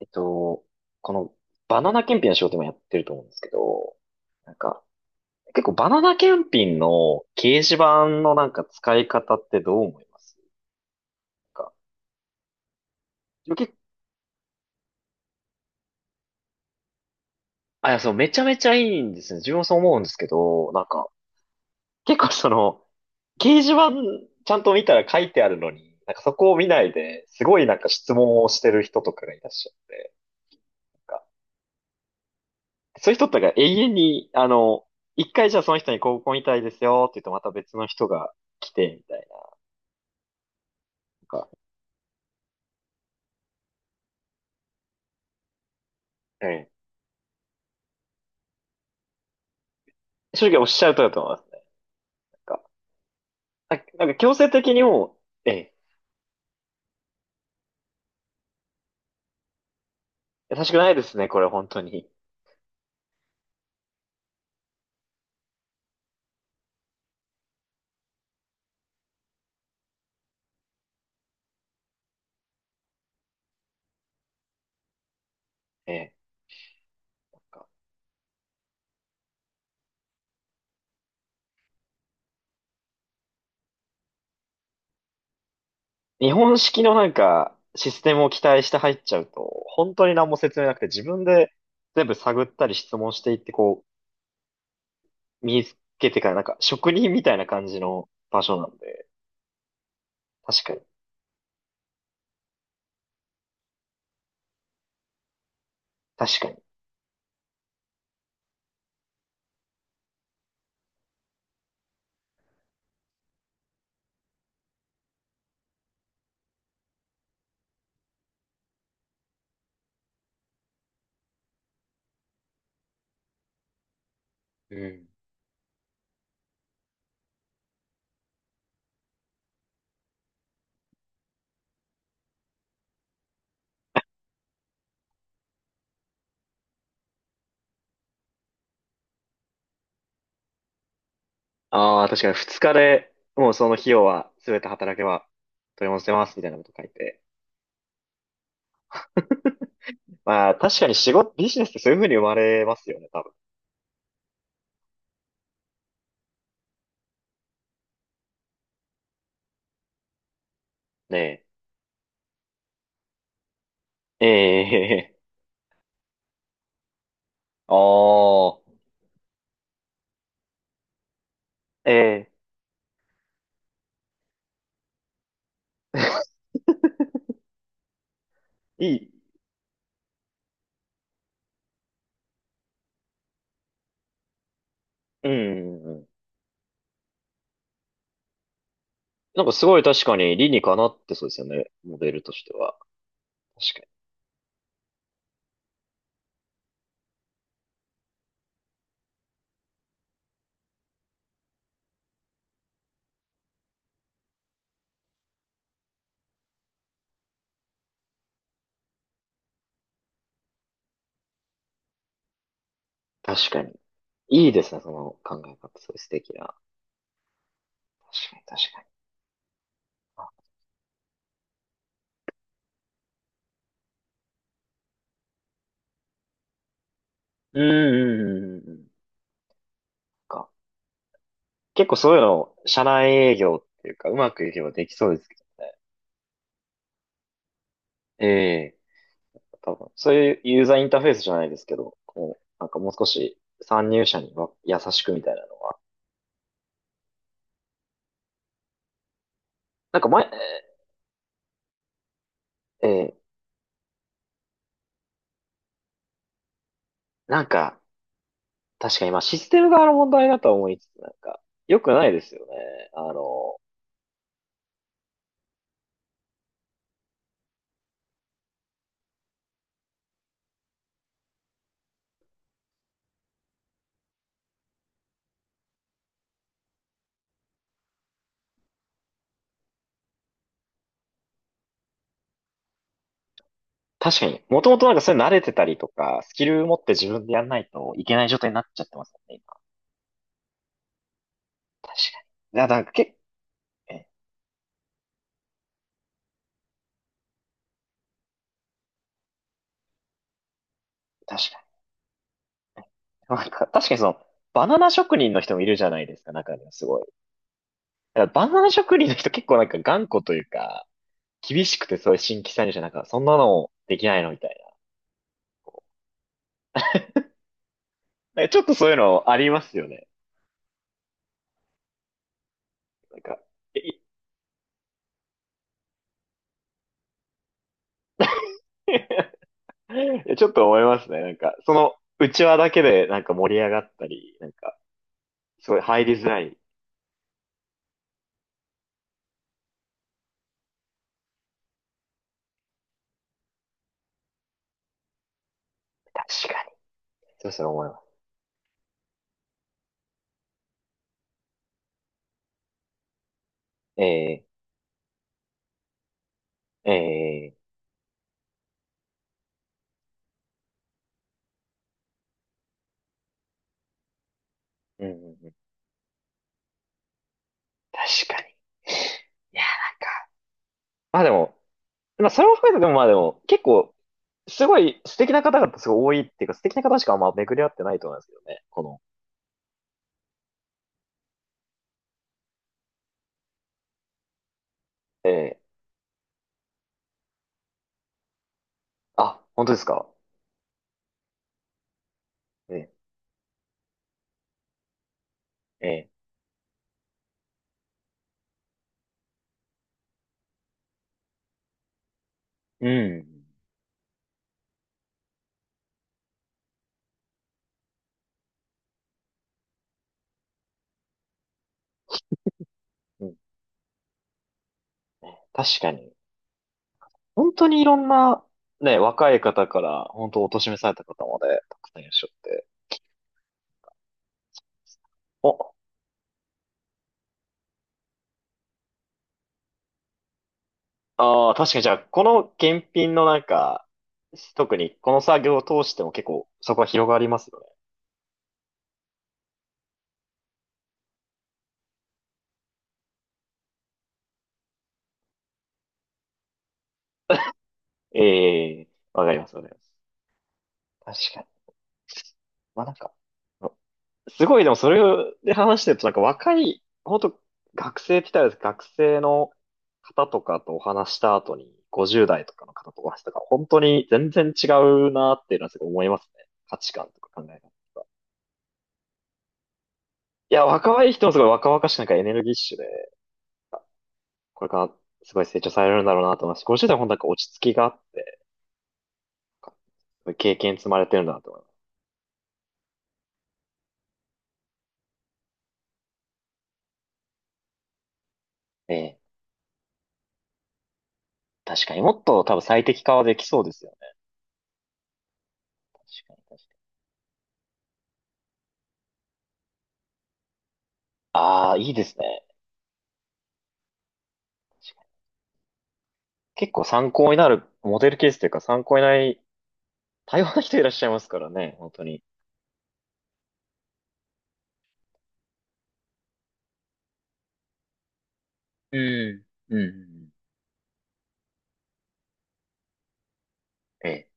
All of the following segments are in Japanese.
えっと、このバナナ検品の仕事もやってると思うんですけど、なんか、結構バナナ検品の掲示板のなんか使い方ってどう思いますか？結構、あ、いや、そう、めちゃめちゃいいんですね。自分もそう思うんですけど、結構その、掲示板ちゃんと見たら書いてあるのに、なんかそこを見ないで、すごいなんか質問をしてる人とかがいらっしゃって、なんか、そういう人とか永遠に、一回じゃあその人にこうご遺体ですよって言うとまた別の人が来て、みたいな。なんか、うん。正直おっしゃる通りだと思いますね。なんか、なんか強制的にもう、ええ、優しくないですね、これ本当に。ええ、なんか日本式のなんか、システムを期待して入っちゃうと、本当に何も説明なくて自分で全部探ったり質問していって、こう、身につけてからなんか職人みたいな感じの場所なんで、確かに、確かに。うん。ああ、確かに二日で、もうその費用は全て働けば取り戻せますみたいなこと書いて、まあ、確かに仕事、ビジネスってそういう風に生まれますよね、多分。ねえ。ええ、ああ、ええ、いい。うん、うん。なんかすごい確かに理にかなってそうですよね、モデルとしては。確かに。確かに。いいですね、その考え方、そういう素敵な。確かに、確かに。あ、うん、うん、うん、うん。か。結構そういうの、社内営業っていうか、うまくいけばできそうですけどね。ええ、多分、そういうユーザーインターフェースじゃないですけど、こう、なんかもう少し参入者には優しくみたいなの。なんか前、えーなんか、確かに今システム側の問題だとは思いつつ、なんか、良くないですよね。あの、確かに、もともとなんかそれ慣れてたりとか、スキル持って自分でやんないといけない状態になっちゃってますよね、今。確かに。いや、なんかけ、え、確かに。なんか、確かにその、バナナ職人の人もいるじゃないですか、中にはすごい。だからバナナ職人の人結構なんか頑固というか、厳しくて、そういう新規参入者、なんか、そんなのできないのみたいな。なんかちょっとそういうのありますよね。なんか、え ちょっと思いますね。なんか、その、内輪だけで、なんか盛り上がったり、なんか、すごい入りづらい。確かに。そうそう思います。ええ、ええ、うんうんうん、確かに。いや、なんか、まあでも、まあそれも含めてでもまあでも、結構、すごい素敵な方々すごい多いっていうか、素敵な方しかあんま巡り合ってないと思いますけどね。この、ええ、あ、本当ですか。ええええ、うん。うん、確かに。本当にいろんな、ね、若い方から、本当お年めされた方まで、たくさんいらっしゃって。お、ああ、確かにじゃあ、この検品のなんか、特にこの作業を通しても結構、そこは広がりますよね。ええ、わかります、わかります。確かに。まあなんか、すごい、でもそれで話してると、なんか若い、本当学生って言ったらあれですけど学生の方とかとお話した後に、50代とかの方とお話したから、本当に全然違うなっていうのはすごい思いますね。価値観とか考え方。いや、若い人もすごい若々しくなんかエネルギッシュで、これからすごい成長されるんだろうなと思いますし。50代は本当なんか落ち着きがあって、そういう経験積まれてるんだなと思います。ええ、確かにもっと多分最適化はできそうですよね。確かに、確かに。ああ、いいですね。結構参考になるモデルケースというか参考になり、多様な人いらっしゃいますからね、本当に。うん。うん。ええ、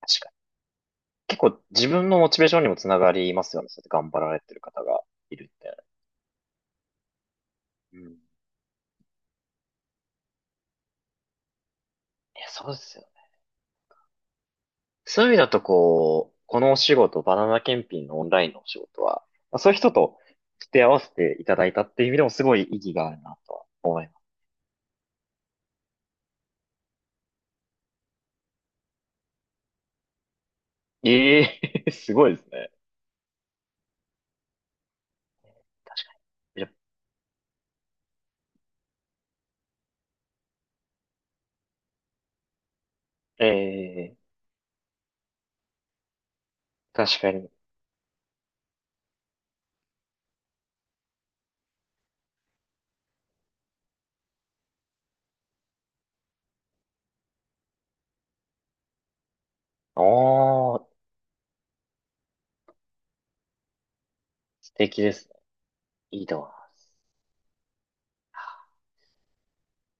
確かに。結構自分のモチベーションにもつながりますよね。そうやって頑張られてる方がいるって。うん。いや、そうですよね。そういう意味だとこう、このお仕事、バナナ検品のオンラインのお仕事は、まあそういう人と付き合わせていただいたっていう意味でもすごい意義があるなとは思います。ええ すごいですね。確かに。いや、ええ、確かに。ああ、素敵ですね。いいな。